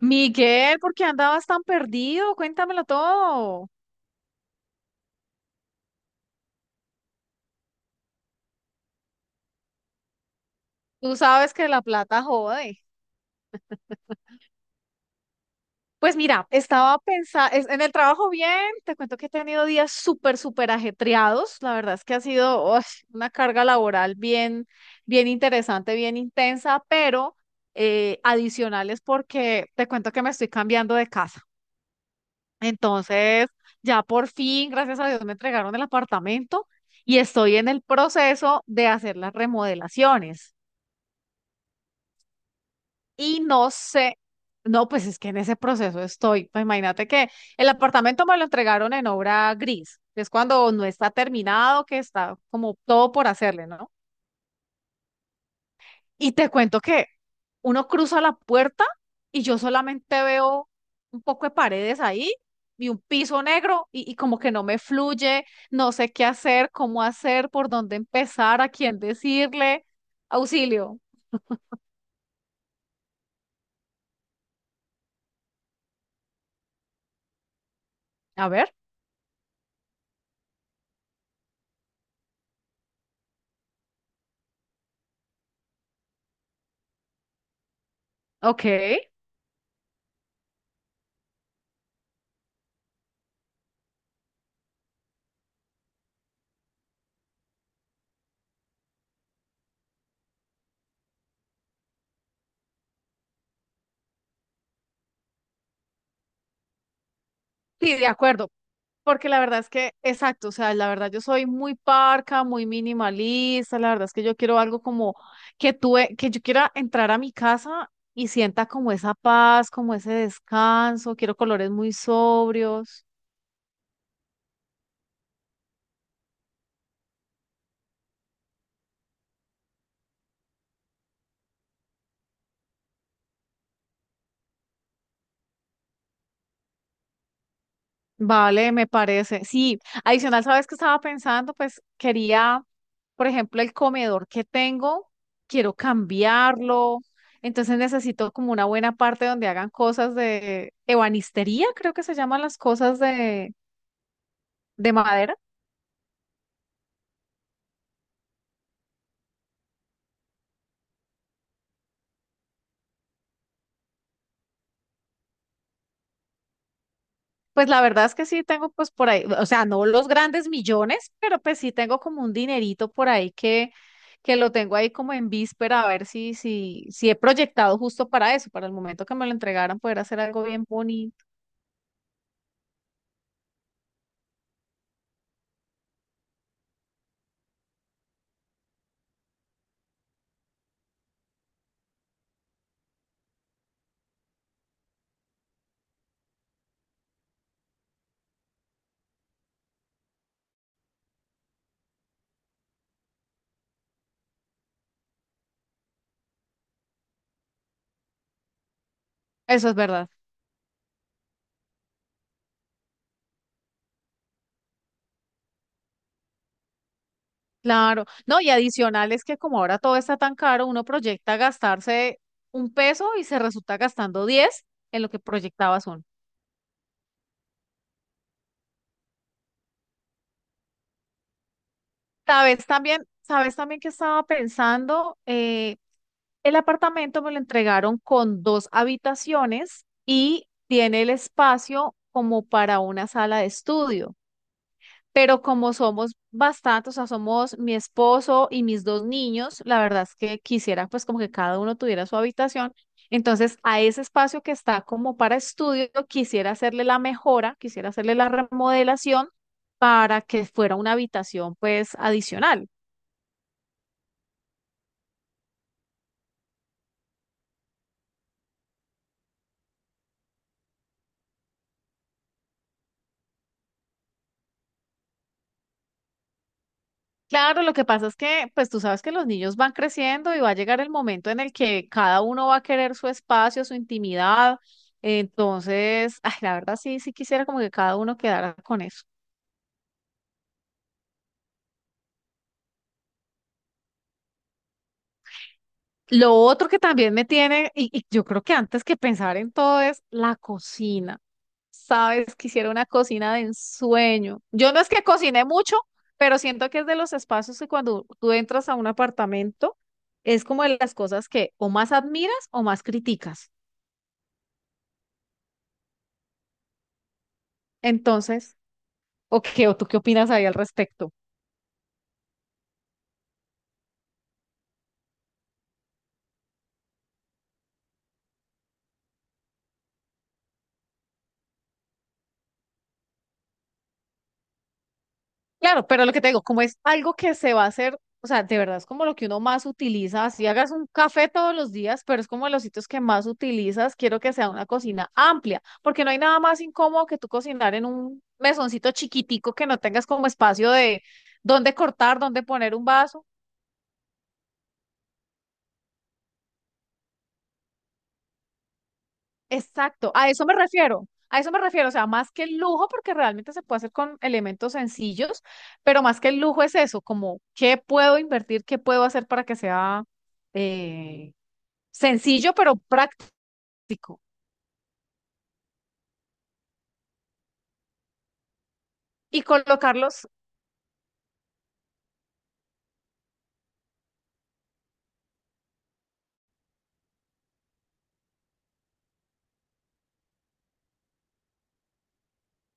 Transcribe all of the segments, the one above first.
Miguel, ¿por qué andabas tan perdido? Cuéntamelo todo. Tú sabes que la plata jode. Pues mira, estaba pensando, en el trabajo bien, te cuento que he tenido días súper, súper ajetreados. La verdad es que ha sido una carga laboral bien, bien interesante, bien intensa, pero adicional es porque te cuento que me estoy cambiando de casa. Entonces, ya por fin, gracias a Dios, me entregaron el apartamento y estoy en el proceso de hacer las remodelaciones. Y no sé, no, pues es que en ese proceso estoy. Pues imagínate que el apartamento me lo entregaron en obra gris, que es cuando no está terminado, que está como todo por hacerle, ¿no? Y te cuento que uno cruza la puerta y yo solamente veo un poco de paredes ahí y un piso negro y como que no me fluye, no sé qué hacer, cómo hacer, por dónde empezar, a quién decirle, auxilio. A ver, ok, sí, de acuerdo. Porque la verdad es que, exacto, o sea, la verdad yo soy muy parca, muy minimalista, la verdad es que yo quiero algo como que tuve, que yo quiera entrar a mi casa y sienta como esa paz, como ese descanso, quiero colores muy sobrios. Vale, me parece. Sí, adicional, ¿sabes qué estaba pensando? Pues quería, por ejemplo, el comedor que tengo, quiero cambiarlo. Entonces necesito como una buena parte donde hagan cosas de ebanistería, creo que se llaman las cosas de madera. Pues la verdad es que sí tengo pues por ahí, o sea, no los grandes millones, pero pues sí tengo como un dinerito por ahí que lo tengo ahí como en víspera a ver si he proyectado justo para eso, para el momento que me lo entregaran poder hacer algo bien bonito. Eso es verdad. Claro. No, y adicional es que como ahora todo está tan caro, uno proyecta gastarse un peso y se resulta gastando 10 en lo que proyectabas uno. Sabes también que estaba pensando. El apartamento me lo entregaron con dos habitaciones y tiene el espacio como para una sala de estudio. Pero como somos bastantes, o sea, somos mi esposo y mis dos niños, la verdad es que quisiera pues como que cada uno tuviera su habitación. Entonces, a ese espacio que está como para estudio, quisiera hacerle la mejora, quisiera hacerle la remodelación para que fuera una habitación pues adicional. Claro, lo que pasa es que, pues tú sabes que los niños van creciendo y va a llegar el momento en el que cada uno va a querer su espacio, su intimidad. Entonces, ay, la verdad sí, sí quisiera como que cada uno quedara con eso. Lo otro que también me tiene, y yo creo que antes que pensar en todo es la cocina. Sabes, quisiera una cocina de ensueño. Yo no es que cocine mucho, pero siento que es de los espacios que cuando tú entras a un apartamento es como de las cosas que o más admiras o más criticas. Entonces, ¿o qué? ¿O tú qué opinas ahí al respecto? Claro, pero lo que te digo, como es algo que se va a hacer, o sea, de verdad es como lo que uno más utiliza, si hagas un café todos los días, pero es como de los sitios que más utilizas, quiero que sea una cocina amplia, porque no hay nada más incómodo que tú cocinar en un mesoncito chiquitico que no tengas como espacio de dónde cortar, dónde poner un vaso. Exacto, a eso me refiero, a eso me refiero, o sea, más que el lujo, porque realmente se puede hacer con elementos sencillos, pero más que el lujo es eso, como qué puedo invertir, qué puedo hacer para que sea eh, sencillo, pero práctico. Y colocarlos,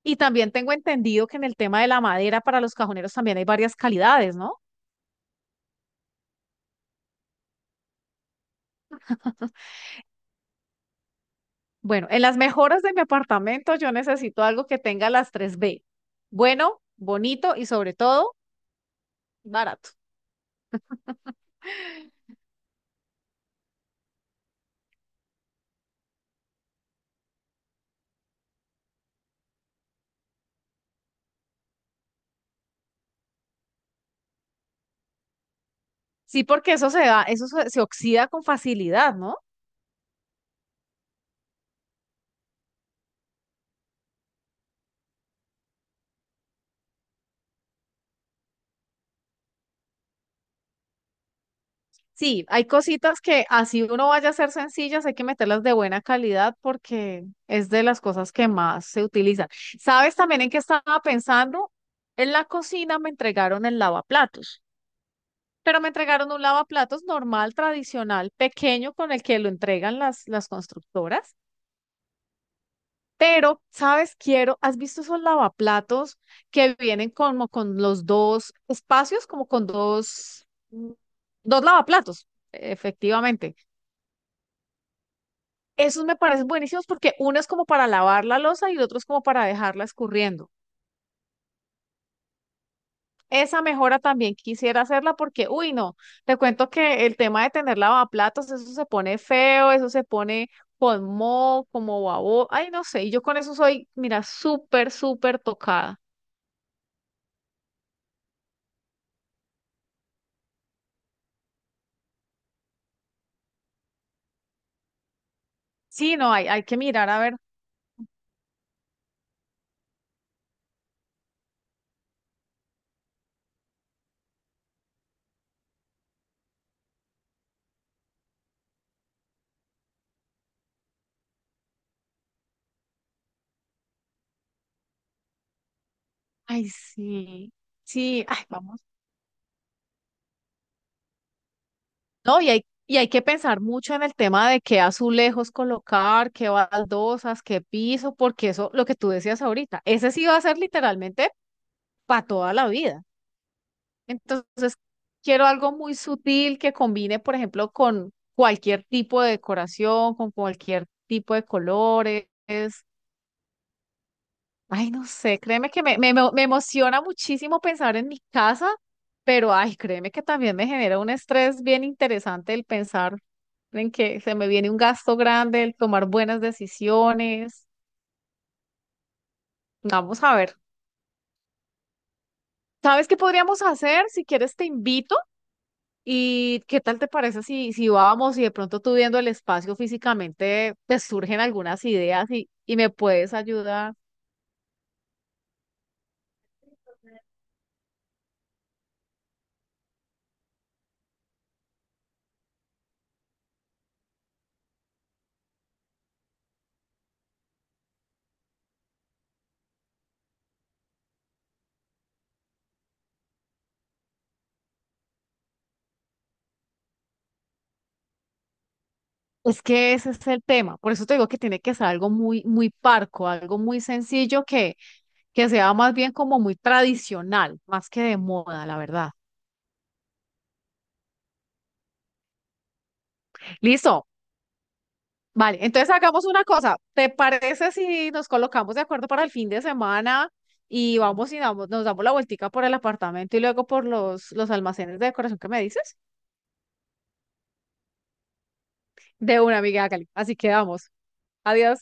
y también tengo entendido que en el tema de la madera para los cajoneros también hay varias calidades, ¿no? Bueno, en las mejoras de mi apartamento yo necesito algo que tenga las tres b: bueno, bonito y sobre todo barato. Sí, porque eso se da, eso se oxida con facilidad, ¿no? Sí, hay cositas que así uno vaya a ser sencillas, hay que meterlas de buena calidad porque es de las cosas que más se utilizan. ¿Sabes también en qué estaba pensando? En la cocina me entregaron el lavaplatos, pero me entregaron un lavaplatos normal, tradicional, pequeño, con el que lo entregan las constructoras. Pero, ¿sabes? Quiero, ¿has visto esos lavaplatos que vienen como con los dos espacios, como con dos, mm, dos lavaplatos? Efectivamente. Esos me parecen buenísimos porque uno es como para lavar la losa y el otro es como para dejarla escurriendo. Esa mejora también quisiera hacerla porque, uy, no, te cuento que el tema de tener lavaplatos, eso se pone feo, eso se pone con moho, como babo, ay, no sé, y yo con eso soy, mira, súper, súper tocada. Sí, no, hay que mirar a ver. Ay, sí, sí, ay, vamos. No, y hay que pensar mucho en el tema de qué azulejos colocar, qué baldosas, qué piso, porque eso, lo que tú decías ahorita, ese sí va a ser literalmente para toda la vida. Entonces, quiero algo muy sutil que combine, por ejemplo, con cualquier tipo de decoración, con cualquier tipo de colores. Ay, no sé, créeme que me emociona muchísimo pensar en mi casa, pero ay, créeme que también me genera un estrés bien interesante el pensar en que se me viene un gasto grande, el tomar buenas decisiones. Vamos a ver. ¿Sabes qué podríamos hacer? Si quieres, te invito. ¿Y qué tal te parece si vamos y de pronto tú viendo el espacio físicamente te surgen algunas ideas y me puedes ayudar? Es que ese es el tema. Por eso te digo que tiene que ser algo muy, muy parco, algo muy sencillo que sea más bien como muy tradicional, más que de moda, la verdad. Listo. Vale, entonces hagamos una cosa. ¿Te parece si nos colocamos de acuerdo para el fin de semana y vamos y nos damos la vueltica por el apartamento y luego por los almacenes de decoración que me dices? De una amiga, Cali. Así quedamos. Adiós.